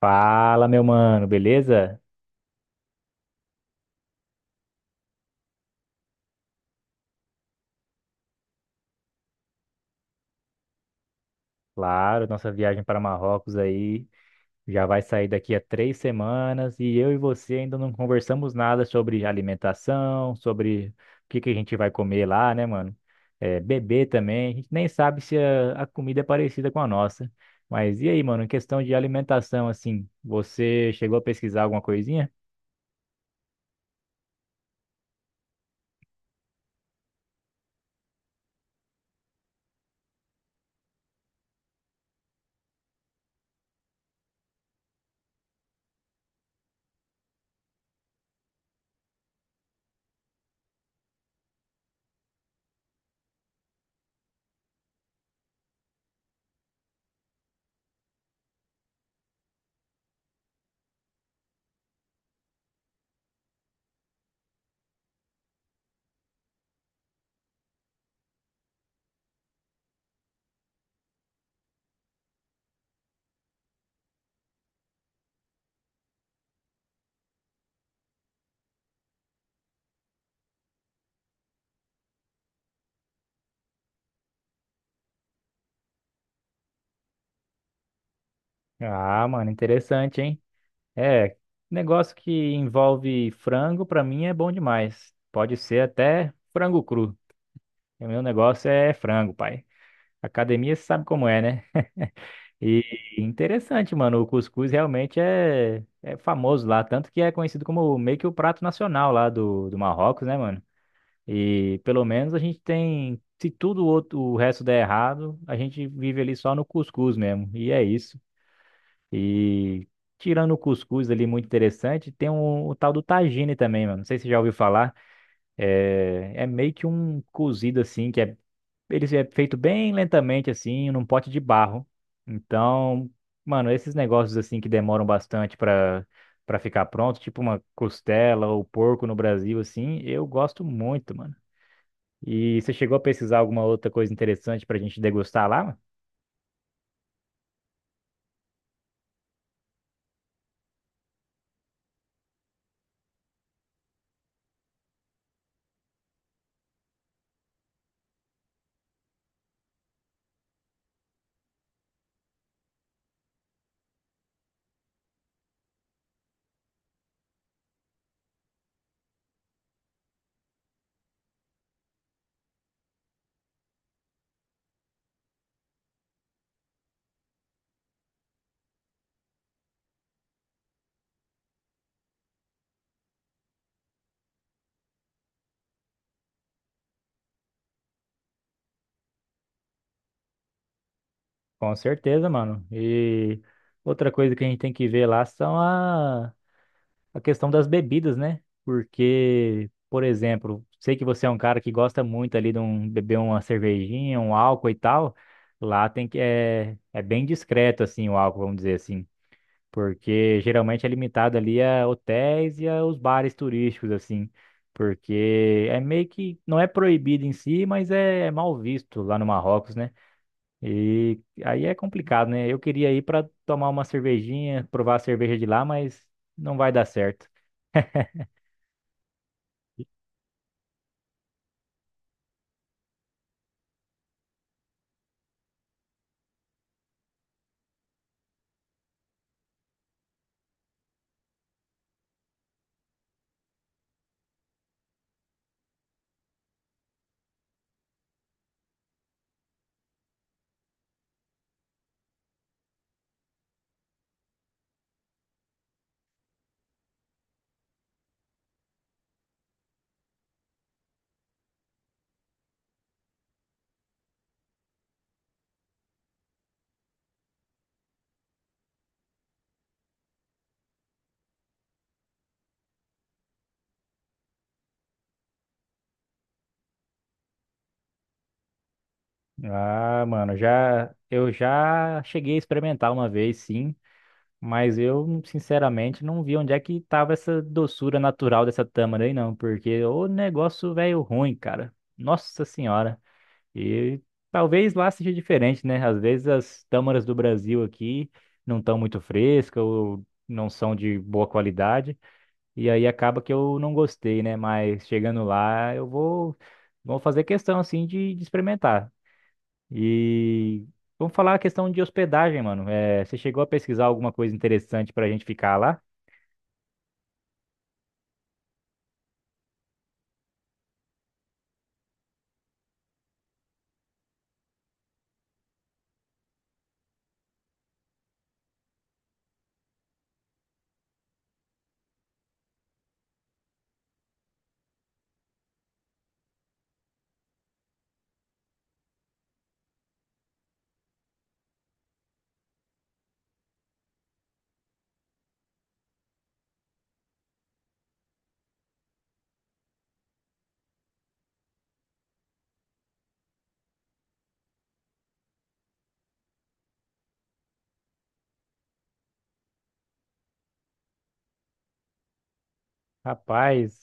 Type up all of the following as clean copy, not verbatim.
Fala, meu mano, beleza? Claro, nossa viagem para Marrocos aí já vai sair daqui a 3 semanas e eu e você ainda não conversamos nada sobre alimentação, sobre o que a gente vai comer lá, né, mano? É, beber também, a gente nem sabe se a comida é parecida com a nossa. Mas e aí, mano, em questão de alimentação, assim, você chegou a pesquisar alguma coisinha? Ah, mano, interessante, hein? É, negócio que envolve frango, pra mim é bom demais. Pode ser até frango cru. O meu negócio é frango, pai. Academia você sabe como é, né? E interessante, mano. O cuscuz realmente é famoso lá. Tanto que é conhecido como meio que o prato nacional lá do Marrocos, né, mano? E pelo menos a gente tem. Se tudo o outro, o resto der errado, a gente vive ali só no cuscuz mesmo. E é isso. E tirando o cuscuz ali, muito interessante, tem um, o tal do tagine também, mano. Não sei se você já ouviu falar. É, é meio que um cozido assim, que é, ele é feito bem lentamente assim, num pote de barro. Então, mano, esses negócios assim que demoram bastante para ficar pronto, tipo uma costela ou porco no Brasil assim, eu gosto muito, mano. E você chegou a pesquisar alguma outra coisa interessante pra gente degustar lá, mano? Com certeza, mano. E outra coisa que a gente tem que ver lá são a questão das bebidas, né? Porque, por exemplo, sei que você é um cara que gosta muito ali de um, beber uma cervejinha, um álcool e tal. Lá tem que é, é bem discreto assim o álcool, vamos dizer assim, porque geralmente é limitado ali a hotéis e aos bares turísticos assim, porque é meio que não é proibido em si, mas é, é mal visto lá no Marrocos, né? E aí é complicado, né? Eu queria ir para tomar uma cervejinha, provar a cerveja de lá, mas não vai dar certo. Ah, mano, já eu já cheguei a experimentar uma vez, sim, mas eu sinceramente não vi onde é que tava essa doçura natural dessa tâmara aí, não, porque o negócio velho ruim, cara. Nossa senhora. E talvez lá seja diferente, né? Às vezes as tâmaras do Brasil aqui não estão muito frescas ou não são de boa qualidade. E aí acaba que eu não gostei, né? Mas chegando lá, eu vou, vou fazer questão, assim, de experimentar. E vamos falar a questão de hospedagem, mano. É, você chegou a pesquisar alguma coisa interessante pra gente ficar lá? Rapaz,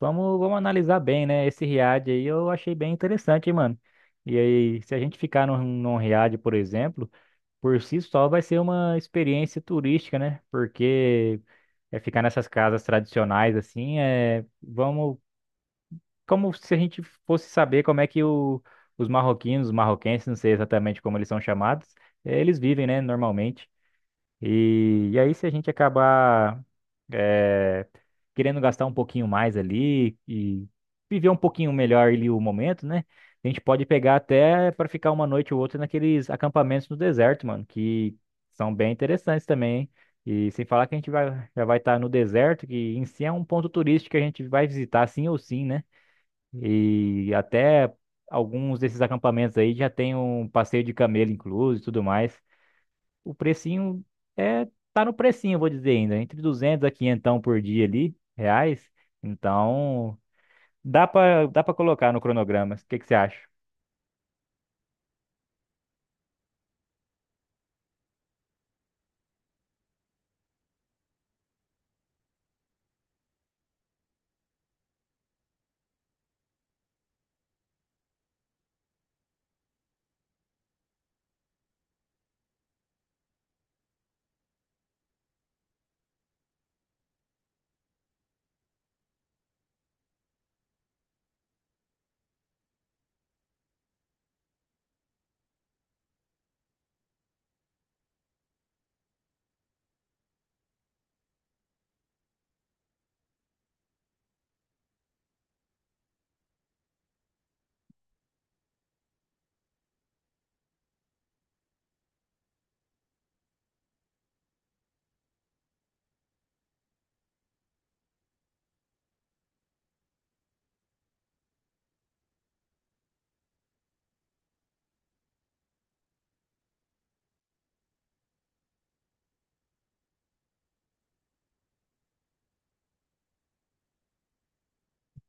vamos, vamos analisar bem, né? Esse Riad aí eu achei bem interessante, hein, mano. E aí, se a gente ficar num Riad, por exemplo, por si só vai ser uma experiência turística, né? Porque é ficar nessas casas tradicionais, assim, é, vamos como se a gente fosse saber como é que o, os marroquinos, os marroquenses, não sei exatamente como eles são chamados, eles vivem, né, normalmente. E aí, se a gente acabar eh, querendo gastar um pouquinho mais ali e viver um pouquinho melhor ali o momento, né? A gente pode pegar até para ficar uma noite ou outra naqueles acampamentos no deserto, mano, que são bem interessantes também, hein? E sem falar que a gente vai, já vai estar no deserto, que em si é um ponto turístico que a gente vai visitar sim ou sim, né? E até alguns desses acampamentos aí já tem um passeio de camelo incluso e tudo mais. O precinho é tá no precinho, eu vou dizer ainda, entre 200 a 500 por dia ali, reais. Então, dá para colocar no cronograma. O que que você acha?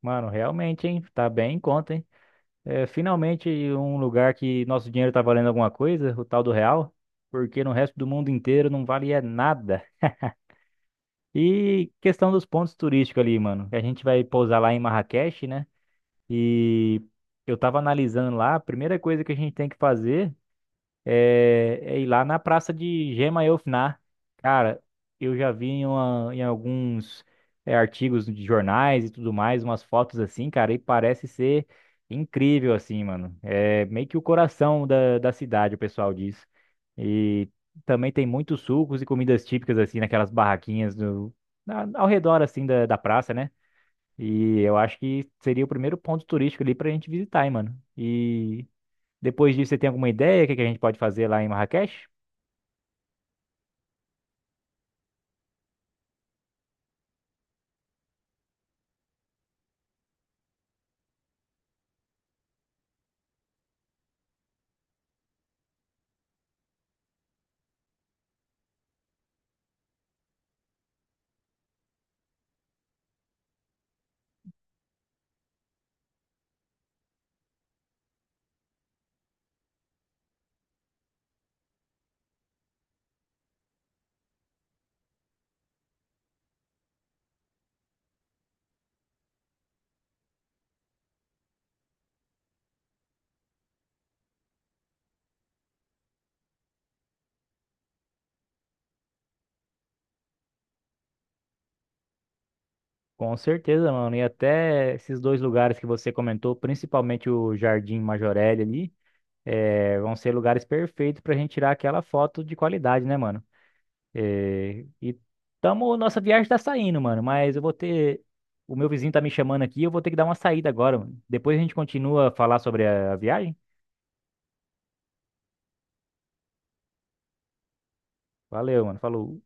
Mano, realmente, hein? Tá bem em conta, hein? É, finalmente um lugar que nosso dinheiro tá valendo alguma coisa, o tal do real, porque no resto do mundo inteiro não vale é nada. E questão dos pontos turísticos ali, mano. A gente vai pousar lá em Marrakech, né? E eu tava analisando lá, a primeira coisa que a gente tem que fazer é, é ir lá na praça de Gema Elfnar. Cara, eu já vi em, uma- em alguns é, artigos de jornais e tudo mais, umas fotos assim, cara, e parece ser incrível assim, mano. É meio que o coração da, da cidade, o pessoal diz. E também tem muitos sucos e comidas típicas assim, naquelas barraquinhas do, na- ao redor assim da, da praça, né? E eu acho que seria o primeiro ponto turístico ali pra gente visitar, hein, mano. E depois disso, você tem alguma ideia do que a gente pode fazer lá em Marrakech? Com certeza, mano. E até esses dois lugares que você comentou, principalmente o Jardim Majorelle ali, vão ser lugares perfeitos pra gente tirar aquela foto de qualidade, né, mano? E tamo, nossa viagem tá saindo, mano. Mas eu vou ter. O meu vizinho tá me chamando aqui, eu vou ter que dar uma saída agora, mano. Depois a gente continua a falar sobre a viagem. Valeu, mano. Falou.